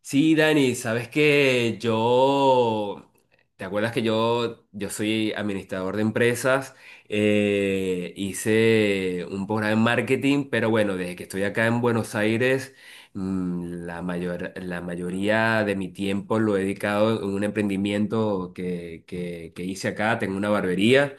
Sí, Dani, sabes que yo, ¿te acuerdas que yo soy administrador de empresas? Hice un programa en marketing, pero bueno, desde que estoy acá en Buenos Aires, la mayoría de mi tiempo lo he dedicado en un emprendimiento que hice acá, tengo una barbería.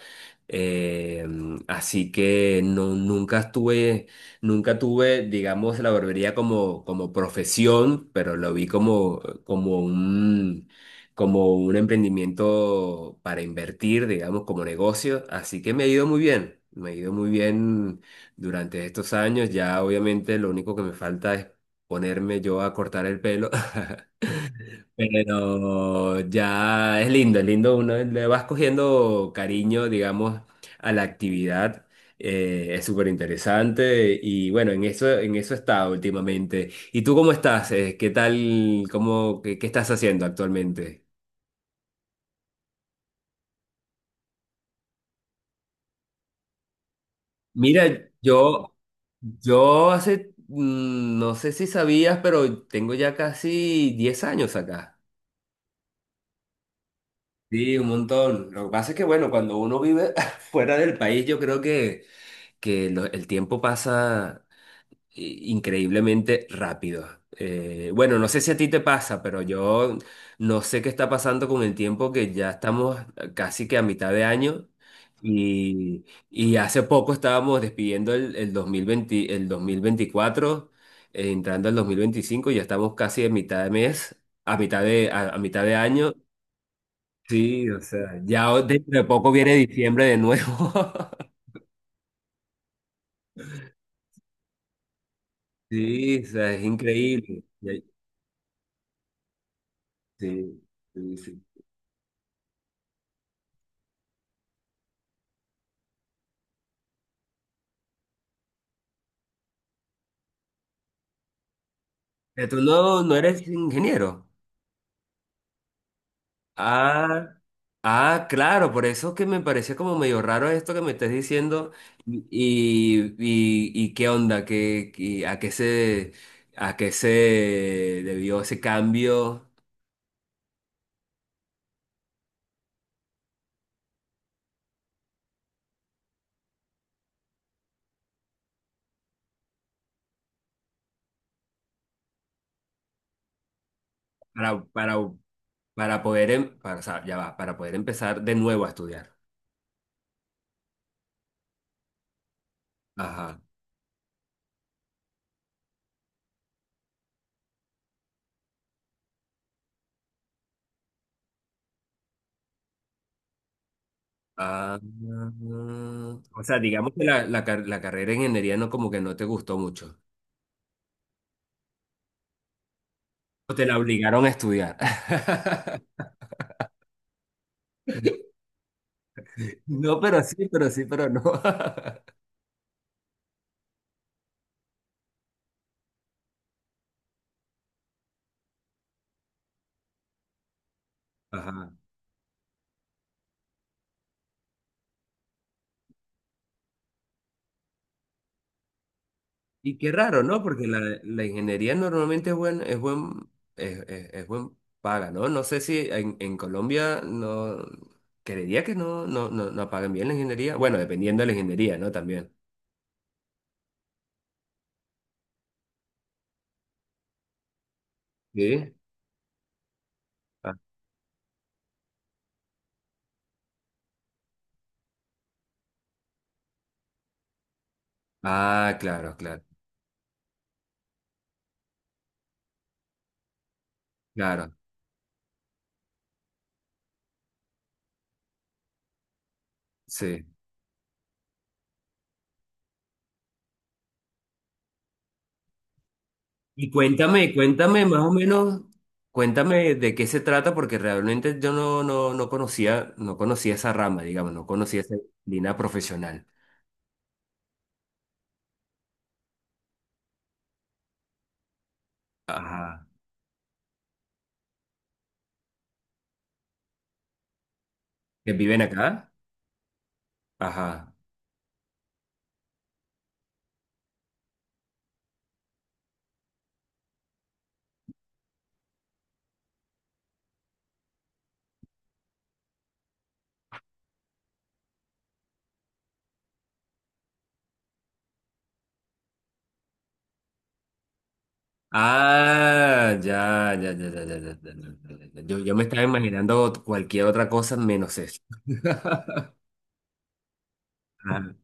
Eh, así que nunca tuve, digamos, la barbería como profesión, pero lo vi como como un emprendimiento para invertir, digamos, como negocio. Así que me ha ido muy bien, me ha ido muy bien durante estos años. Ya obviamente lo único que me falta es ponerme yo a cortar el pelo. Pero ya es lindo, uno le vas cogiendo cariño, digamos, a la actividad. Es súper interesante y bueno, en eso está últimamente. ¿Y tú cómo estás? ¿Qué tal? Qué estás haciendo actualmente? Mira, yo, yo hace, no sé si sabías, pero tengo ya casi 10 años acá. Sí, un montón. Lo que pasa es que, bueno, cuando uno vive fuera del país, yo creo que el tiempo pasa increíblemente rápido. Bueno, no sé si a ti te pasa, pero yo no sé qué está pasando con el tiempo, que ya estamos casi que a mitad de año y hace poco estábamos despidiendo el 2020, el 2024, entrando al 2025, y ya estamos casi a mitad de mes, a mitad de año. Sí, o sea, ya dentro de poco viene diciembre de nuevo. Sí, o sea, es increíble. Sí, sí, sí. Pero tú no, no eres ingeniero. Ah, ah, claro, por eso que me parecía como medio raro esto que me estás diciendo. Y, y qué onda, a qué a qué se debió ese cambio para, para, para poder, o sea, ya va, para poder empezar de nuevo a estudiar. Ajá. Ah, o sea, digamos que la carrera de ingeniería no, como que no te gustó mucho. O te la obligaron a estudiar. No, pero sí, pero sí, pero no. Ajá. Y qué raro, ¿no? Porque la ingeniería normalmente es buen paga, ¿no? No sé si en, en Colombia no creería que no, no pagan bien la ingeniería. Bueno, dependiendo de la ingeniería, ¿no? También. Sí. Ah, ah, claro. Sí. Y cuéntame, cuéntame más o menos, cuéntame de qué se trata, porque realmente yo no conocía, no conocía esa rama, digamos, no conocía esa línea profesional. Ajá. ¿Que viven acá? Ajá. Ah, ya, ya, ya, ya, ya, ya, ya, ya, ya, ya. Yo me estaba imaginando cualquier otra cosa menos eso. Ajá.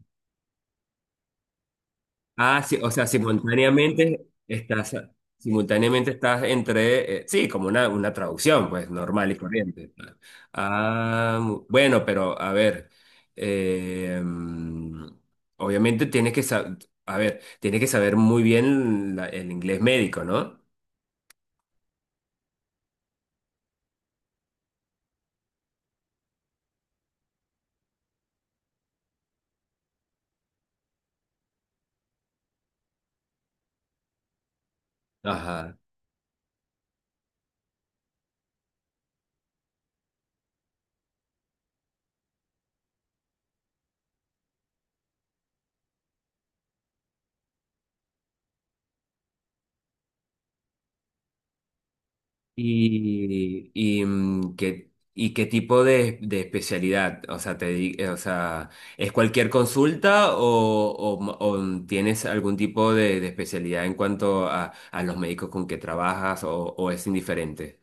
Ah, sí, o sea, simultáneamente estás entre, sí, como una traducción, pues, normal y corriente. Ah, bueno, pero a ver, eh, mm, obviamente tienes que saber, a ver, tienes que saber muy bien el inglés médico, ¿no? Ajá. ¿Qué, y qué tipo de especialidad? O sea, o sea, ¿es cualquier consulta o, o tienes algún tipo de especialidad en cuanto a los médicos con que trabajas o es indiferente?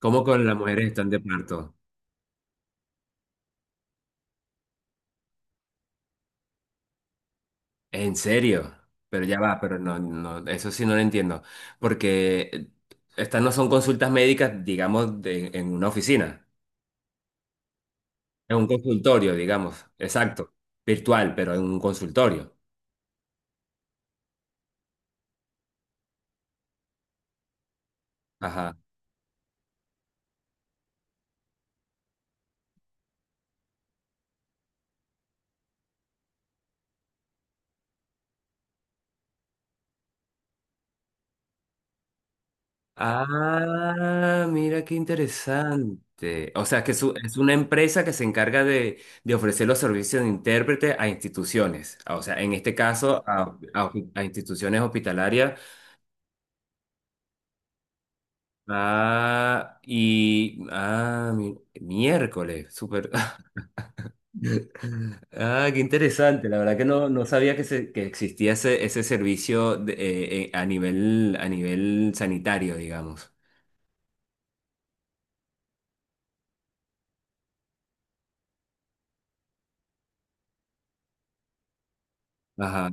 ¿Cómo con las mujeres que están de parto? ¿En serio? Pero ya va, pero no, eso sí no lo entiendo. Porque estas no son consultas médicas, digamos, en una oficina. Es un consultorio, digamos, exacto, virtual, pero en un consultorio. Ajá. Ah, mira qué interesante. O sea, que es es una empresa que se encarga de ofrecer los servicios de intérprete a instituciones. Ah, o sea, en este caso, a instituciones hospitalarias. Ah, miércoles, súper. Ah, qué interesante. La verdad que no, no sabía que, que existía ese servicio a nivel sanitario, digamos. Ajá.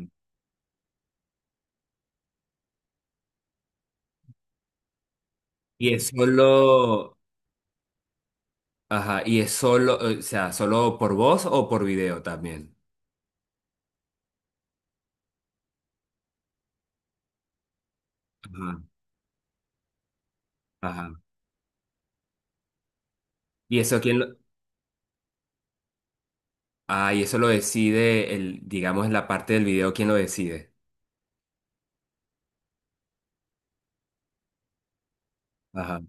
Y es solo, ajá, y es solo, o sea, solo por voz o por video también. Ajá, ajá. Y eso quién lo, ah, y eso lo decide el, digamos, en la parte del video, ¿quién lo decide? Ajá.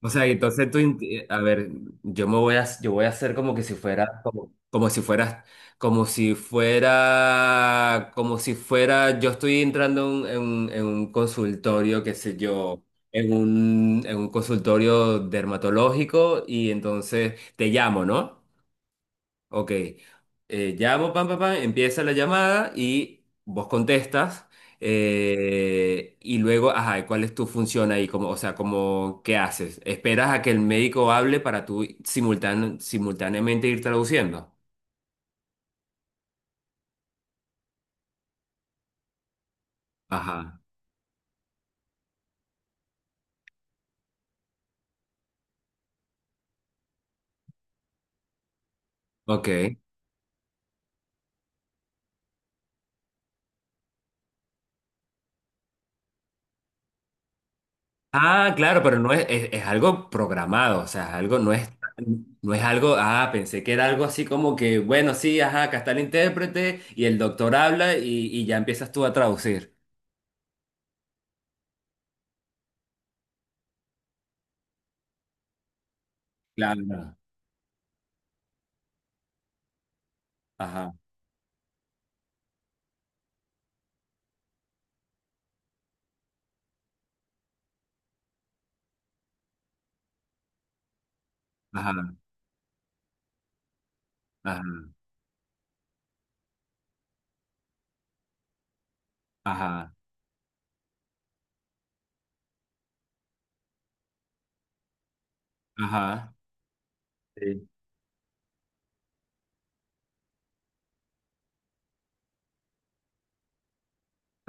O sea, y entonces a ver, yo me voy a, yo voy a hacer como que si fuera, como si fuera, como si fuera, yo estoy entrando en un consultorio, qué sé yo, en un consultorio dermatológico y entonces te llamo, ¿no? Ok, llamo, pam, pam, pam, empieza la llamada y vos contestas y luego, ajá, ¿cuál es tu función ahí? Como, o sea, como, ¿qué haces? ¿Esperas a que el médico hable para tú simultáneamente ir traduciendo? Ajá, ok. Ah, claro, pero no es, es algo programado, o sea, es algo, no es, no es algo, ah, pensé que era algo así como que, bueno, sí, ajá, acá está el intérprete y el doctor habla y ya empiezas tú a traducir. Claro, ajá. Ajá, ajá, ajá, ajá. Sí.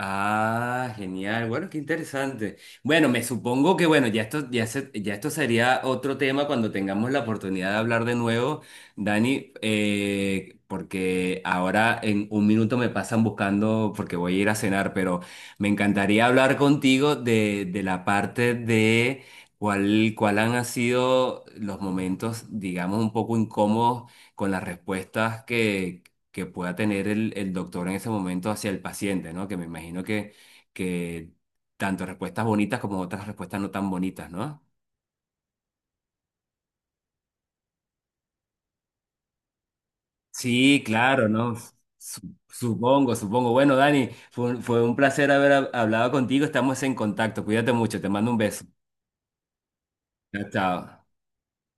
Ah, genial. Bueno, qué interesante. Bueno, me supongo que bueno, ya esto, ya esto sería otro tema cuando tengamos la oportunidad de hablar de nuevo, Dani, porque ahora en un minuto me pasan buscando porque voy a ir a cenar, pero me encantaría hablar contigo de la parte de cuál, cuál han sido los momentos, digamos, un poco incómodos con las respuestas que pueda tener el doctor en ese momento hacia el paciente, ¿no? Que me imagino que tanto respuestas bonitas como otras respuestas no tan bonitas, ¿no? Sí, claro, ¿no? Supongo, supongo. Bueno, Dani, fue un placer haber hablado contigo. Estamos en contacto. Cuídate mucho. Te mando un beso. Chao, chao.